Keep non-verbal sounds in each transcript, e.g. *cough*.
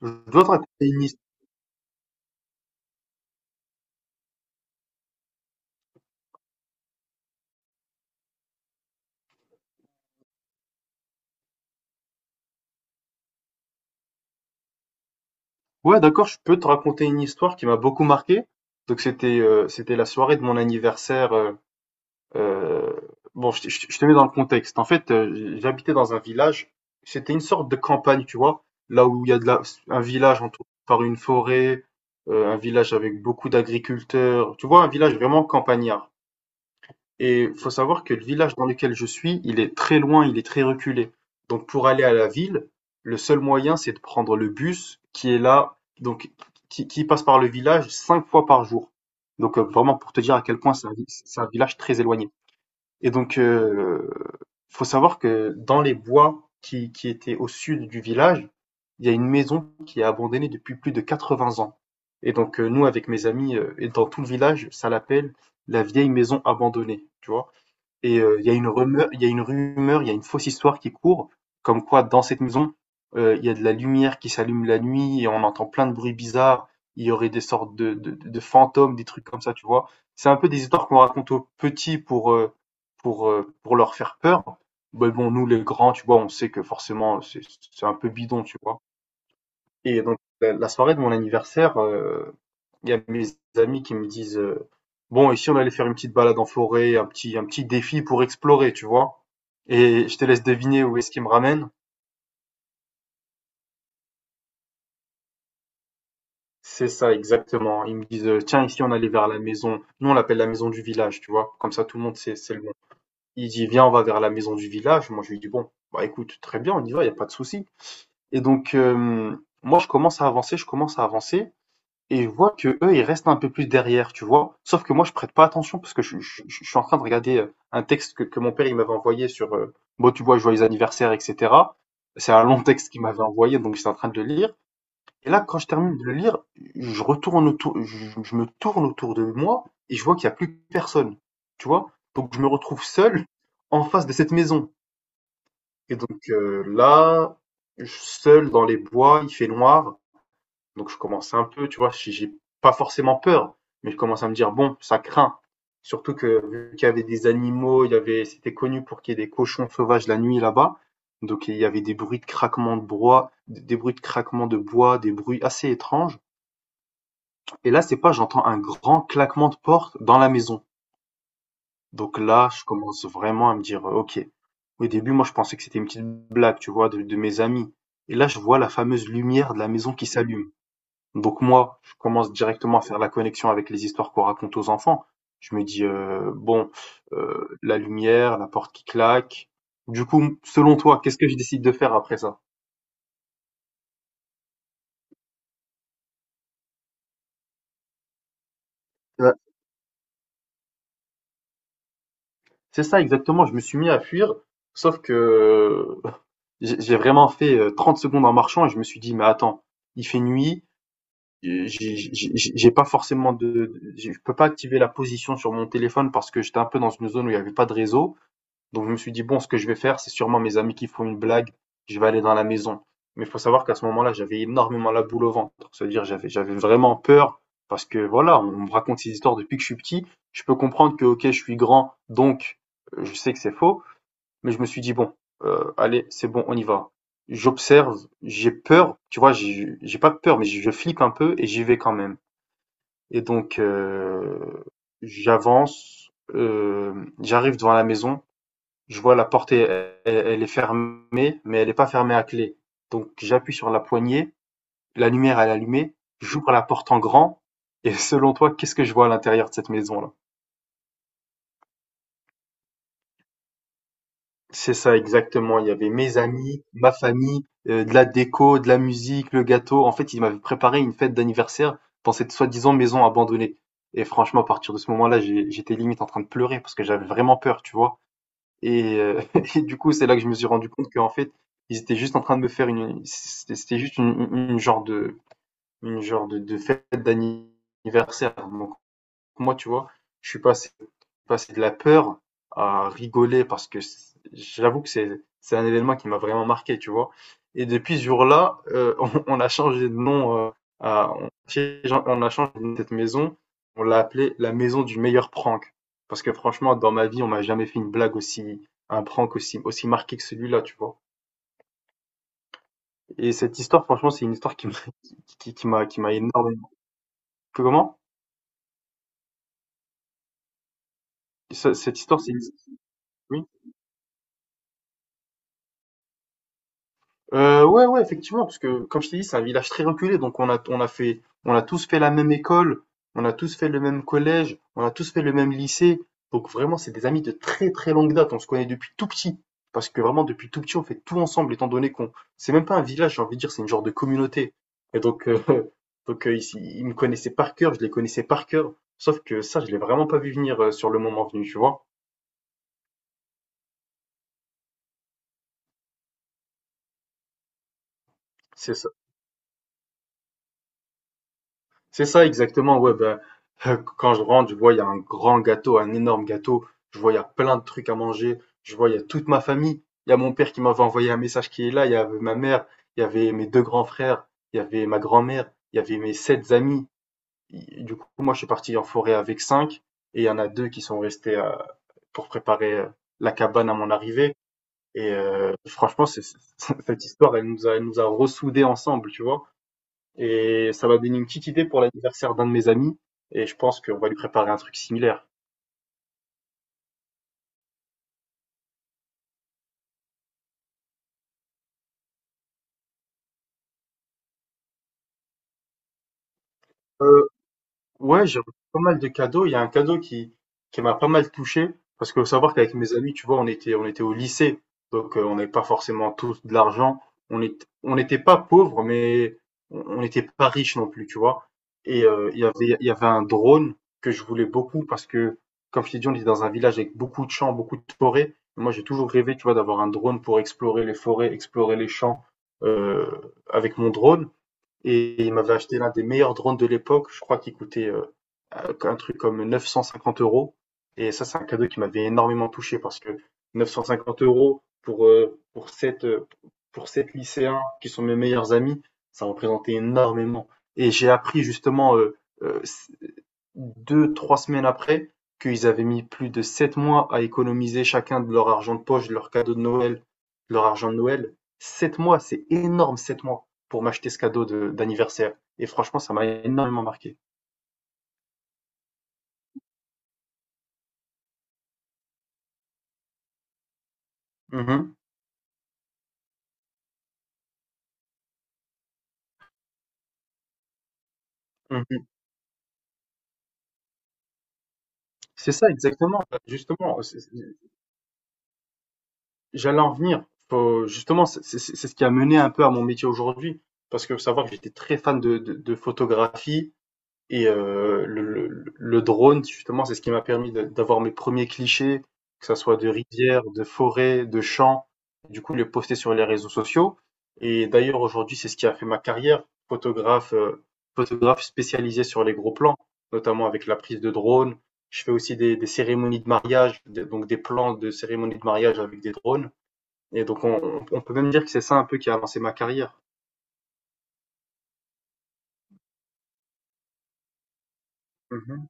Je dois te raconter une his- Ouais, d'accord, je peux te raconter une histoire qui m'a beaucoup marqué. Donc c'était la soirée de mon anniversaire. Euh, bon, je te mets dans le contexte. En fait, j'habitais dans un village. C'était une sorte de campagne, tu vois, là où il y a de la, un village entouré par une forêt, un village avec beaucoup d'agriculteurs. Tu vois, un village vraiment campagnard. Et il faut savoir que le village dans lequel je suis, il est très loin, il est très reculé. Donc pour aller à la ville, le seul moyen, c'est de prendre le bus qui est là, donc qui passe par le village cinq fois par jour. Donc vraiment pour te dire à quel point c'est un village très éloigné. Et donc faut savoir que dans les bois qui étaient au sud du village, il y a une maison qui est abandonnée depuis plus de 80 ans. Et donc nous avec mes amis et dans tout le village, ça l'appelle la vieille maison abandonnée, tu vois. Et il y a une rumeur, il y a une fausse histoire qui court, comme quoi dans cette maison, il y a de la lumière qui s'allume la nuit et on entend plein de bruits bizarres. Il y aurait des sortes de fantômes, des trucs comme ça, tu vois. C'est un peu des histoires qu'on raconte aux petits pour leur faire peur. Mais bon, nous, les grands, tu vois, on sait que forcément, c'est un peu bidon, tu vois. Et donc, la soirée de mon anniversaire, il y a mes amis qui me disent bon, ici on allait faire une petite balade en forêt, un petit défi pour explorer, tu vois. Et je te laisse deviner où est-ce qu'ils me ramènent. C'est ça, exactement. Ils me disent tiens, ici on allait vers la maison. Nous on l'appelle la maison du village, tu vois. Comme ça tout le monde sait, c'est le nom. Il dit viens, on va vers la maison du village. Moi je lui dis bon, bah écoute, très bien, on y va, il n'y a pas de souci. Et donc, moi je commence à avancer, je commence à avancer. Et je vois que eux ils restent un peu plus derrière, tu vois. Sauf que moi je prête pas attention parce que je suis en train de regarder un texte que mon père il m'avait envoyé sur bon tu vois joyeux anniversaire etc. C'est un long texte qu'il m'avait envoyé donc j'étais en train de le lire. Et là quand je termine de le lire, je retourne autour, je me tourne autour de moi et je vois qu'il y a plus personne, tu vois. Donc je me retrouve seul en face de cette maison. Et donc là, seul dans les bois, il fait noir. Donc je commence un peu, tu vois, j'ai pas forcément peur, mais je commence à me dire, bon, ça craint. Surtout que vu qu'il y avait des animaux, il y avait, c'était connu pour qu'il y ait des cochons sauvages la nuit là-bas. Donc il y avait des bruits de craquement de bois, des bruits de craquement de bois, des bruits assez étranges. Et là, c'est pas, j'entends un grand claquement de porte dans la maison. Donc là, je commence vraiment à me dire, ok. Au début, moi, je pensais que c'était une petite blague, tu vois, de mes amis. Et là, je vois la fameuse lumière de la maison qui s'allume. Donc moi, je commence directement à faire la connexion avec les histoires qu'on raconte aux enfants. Je me dis, bon, la lumière, la porte qui claque. Du coup, selon toi, qu'est-ce que je décide de faire après ça? Ouais. C'est ça exactement, je me suis mis à fuir, sauf que *laughs* j'ai vraiment fait, 30 secondes en marchant et je me suis dit: «Mais attends, il fait nuit, j'ai pas forcément de je peux pas activer la position sur mon téléphone parce que j'étais un peu dans une zone où il y avait pas de réseau». Donc je me suis dit, bon, ce que je vais faire, c'est sûrement mes amis qui font une blague, je vais aller dans la maison. Mais il faut savoir qu'à ce moment-là, j'avais énormément la boule au ventre. C'est-à-dire, j'avais, j'avais vraiment peur parce que voilà, on me raconte ces histoires depuis que je suis petit. Je peux comprendre que, ok, je suis grand, donc je sais que c'est faux. Mais je me suis dit, bon, allez, c'est bon, on y va. J'observe, j'ai peur, tu vois, j'ai pas peur, mais je flippe un peu et j'y vais quand même. Et donc, j'avance, j'arrive devant la maison, je vois la porte, elle est fermée, mais elle n'est pas fermée à clé. Donc j'appuie sur la poignée, la lumière elle est allumée, j'ouvre la porte en grand, et *laughs* selon toi, qu'est-ce que je vois à l'intérieur de cette maison-là? C'est ça exactement, il y avait mes amis, ma famille, de la déco, de la musique, le gâteau. En fait, ils m'avaient préparé une fête d'anniversaire dans cette soi-disant maison abandonnée. Et franchement, à partir de ce moment-là, j'étais limite en train de pleurer parce que j'avais vraiment peur, tu vois. Et, euh, *laughs* et du coup, c'est là que je me suis rendu compte qu'en fait, ils étaient juste en train de me faire une, c'était c'était juste une genre de, fête d'anniversaire. Moi, tu vois, je suis passé, passé de la peur à rigoler parce que j'avoue que c'est un événement qui m'a vraiment marqué, tu vois. Et depuis ce jour-là, *laughs* on, on a changé de nom, euh, à- on, on a changé de nom de cette maison, on l'a appelée la maison du meilleur prank. Parce que franchement, dans ma vie, on m'a jamais fait une blague aussi, un prank aussi marqué que celui-là, tu vois. Et cette histoire, franchement, c'est une histoire qui m'a *laughs* qui m'a énormément. Comment? Cette histoire, c'est une... Oui. Ouais, ouais, effectivement, parce que comme je t'ai dit, c'est un village très reculé, donc on a tous fait la même école, on a tous fait le même collège, on a tous fait le même lycée, donc vraiment, c'est des amis de très très longue date, on se connaît depuis tout petit, parce que vraiment, depuis tout petit, on fait tout ensemble, étant donné qu'on, c'est même pas un village, j'ai envie de dire, c'est une genre de communauté, et donc, *laughs* ils me connaissaient par cœur, je les connaissais par cœur, sauf que ça, je l'ai vraiment pas vu venir sur le moment venu, tu vois. c'est C'est ça exactement, ouais, ben *laughs* quand je rentre, je vois, il y a un grand gâteau, un énorme gâteau. Je vois, il y a plein de trucs à manger. Je vois, il y a toute ma famille. Il y a mon père qui m'avait envoyé un message qui est là. Il y avait ma mère. Il y avait mes deux grands frères. Il y avait ma grand-mère. Il y avait mes sept amis. Et du coup, moi, je suis parti en forêt avec cinq. Et il y en a deux qui sont restés pour préparer la cabane à mon arrivée. Et franchement, *laughs* cette histoire, elle nous a ressoudés ensemble, tu vois. Et ça m'a donné une petite idée pour l'anniversaire d'un de mes amis. Et je pense qu'on va lui préparer un truc similaire. Euh, Ouais, j'ai reçu pas mal de cadeaux. Il y a un cadeau qui m'a pas mal touché, parce que faut savoir qu'avec mes amis, tu vois, on était au lycée, donc on n'avait pas forcément tous de l'argent. On est, on n'était pas pauvres, mais on n'était pas riches non plus, tu vois. Et il y avait un drone que je voulais beaucoup, parce que, comme je t'ai dit, on était dans un village avec beaucoup de champs, beaucoup de forêts. Moi, j'ai toujours rêvé, tu vois, d'avoir un drone pour explorer les forêts, explorer les champs, euh, avec mon drone. Et il m'avait acheté l'un des meilleurs drones de l'époque, je crois qu'il coûtait un truc comme 950 euros. Et ça, c'est un cadeau qui m'avait énormément touché parce que 950 euros pour sept lycéens qui sont mes meilleurs amis, ça représentait énormément. Et j'ai appris justement, euh, deux, trois semaines après qu'ils avaient mis plus de 7 mois à économiser chacun de leur argent de poche, de leur cadeau de Noël, de leur argent de Noël. 7 mois, c'est énorme, 7 mois pour m'acheter ce cadeau d'anniversaire. Et franchement, ça m'a énormément marqué. Mhm, mhm. C'est ça, exactement. Justement, j'allais en venir. Justement, c'est ce qui a mené un peu à mon métier aujourd'hui. Parce que faut savoir que j'étais très fan de photographie. Et le drone, justement, c'est ce qui m'a permis d'avoir mes premiers clichés, que ça soit de rivières, de forêts, de champs. Du coup, les poster sur les réseaux sociaux. Et d'ailleurs, aujourd'hui, c'est ce qui a fait ma carrière, photographe, photographe spécialisé sur les gros plans, notamment avec la prise de drone. Je fais aussi des cérémonies de mariage, donc des plans de cérémonies de mariage avec des drones. Et donc, on peut même dire que c'est ça un peu qui a lancé ma carrière. Mhm.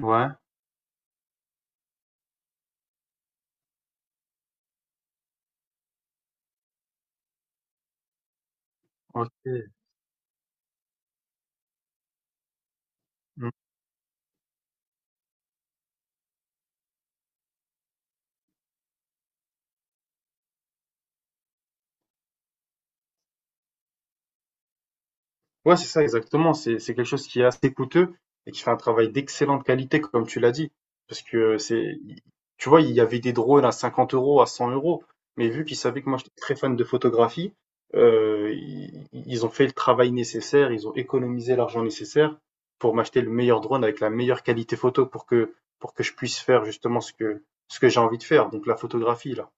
Ouais, ok. Ouais, c'est ça, exactement. C'est quelque chose qui est assez coûteux et qui fait un travail d'excellente qualité, comme tu l'as dit. Parce que c'est, tu vois, il y avait des drones à 50 euros, à 100 euros. Mais vu qu'ils savaient que moi, j'étais très fan de photographie, ils ont fait le travail nécessaire, ils ont économisé l'argent nécessaire pour m'acheter le meilleur drone avec la meilleure qualité photo pour que je puisse faire justement ce que j'ai envie de faire. Donc la photographie, là.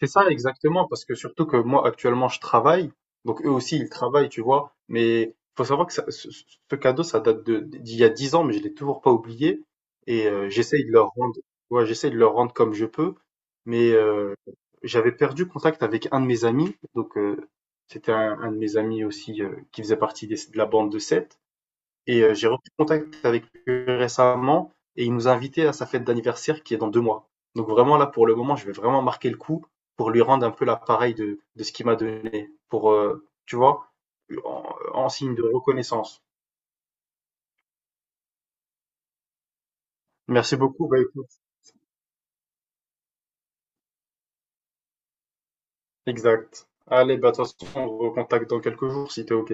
C'est ça exactement, parce que surtout que moi actuellement je travaille, donc eux aussi ils travaillent, tu vois, mais faut savoir que ce cadeau ça date de d'il y a 10 ans, mais je l'ai toujours pas oublié, et j'essaye de leur rendre, ouais, j'essaye de leur rendre comme je peux, mais j'avais perdu contact avec un de mes amis, donc c'était un de mes amis aussi qui faisait partie de la bande de sept, et j'ai repris contact avec lui récemment et il nous a invités à sa fête d'anniversaire qui est dans 2 mois. Donc vraiment là, pour le moment, je vais vraiment marquer le coup pour lui rendre un peu l'appareil de ce qu'il m'a donné, pour, tu vois, en, signe de reconnaissance. Merci beaucoup. Bah, écoute, exact. Allez, bah, de toute façon, on se recontacte dans quelques jours si t'es OK.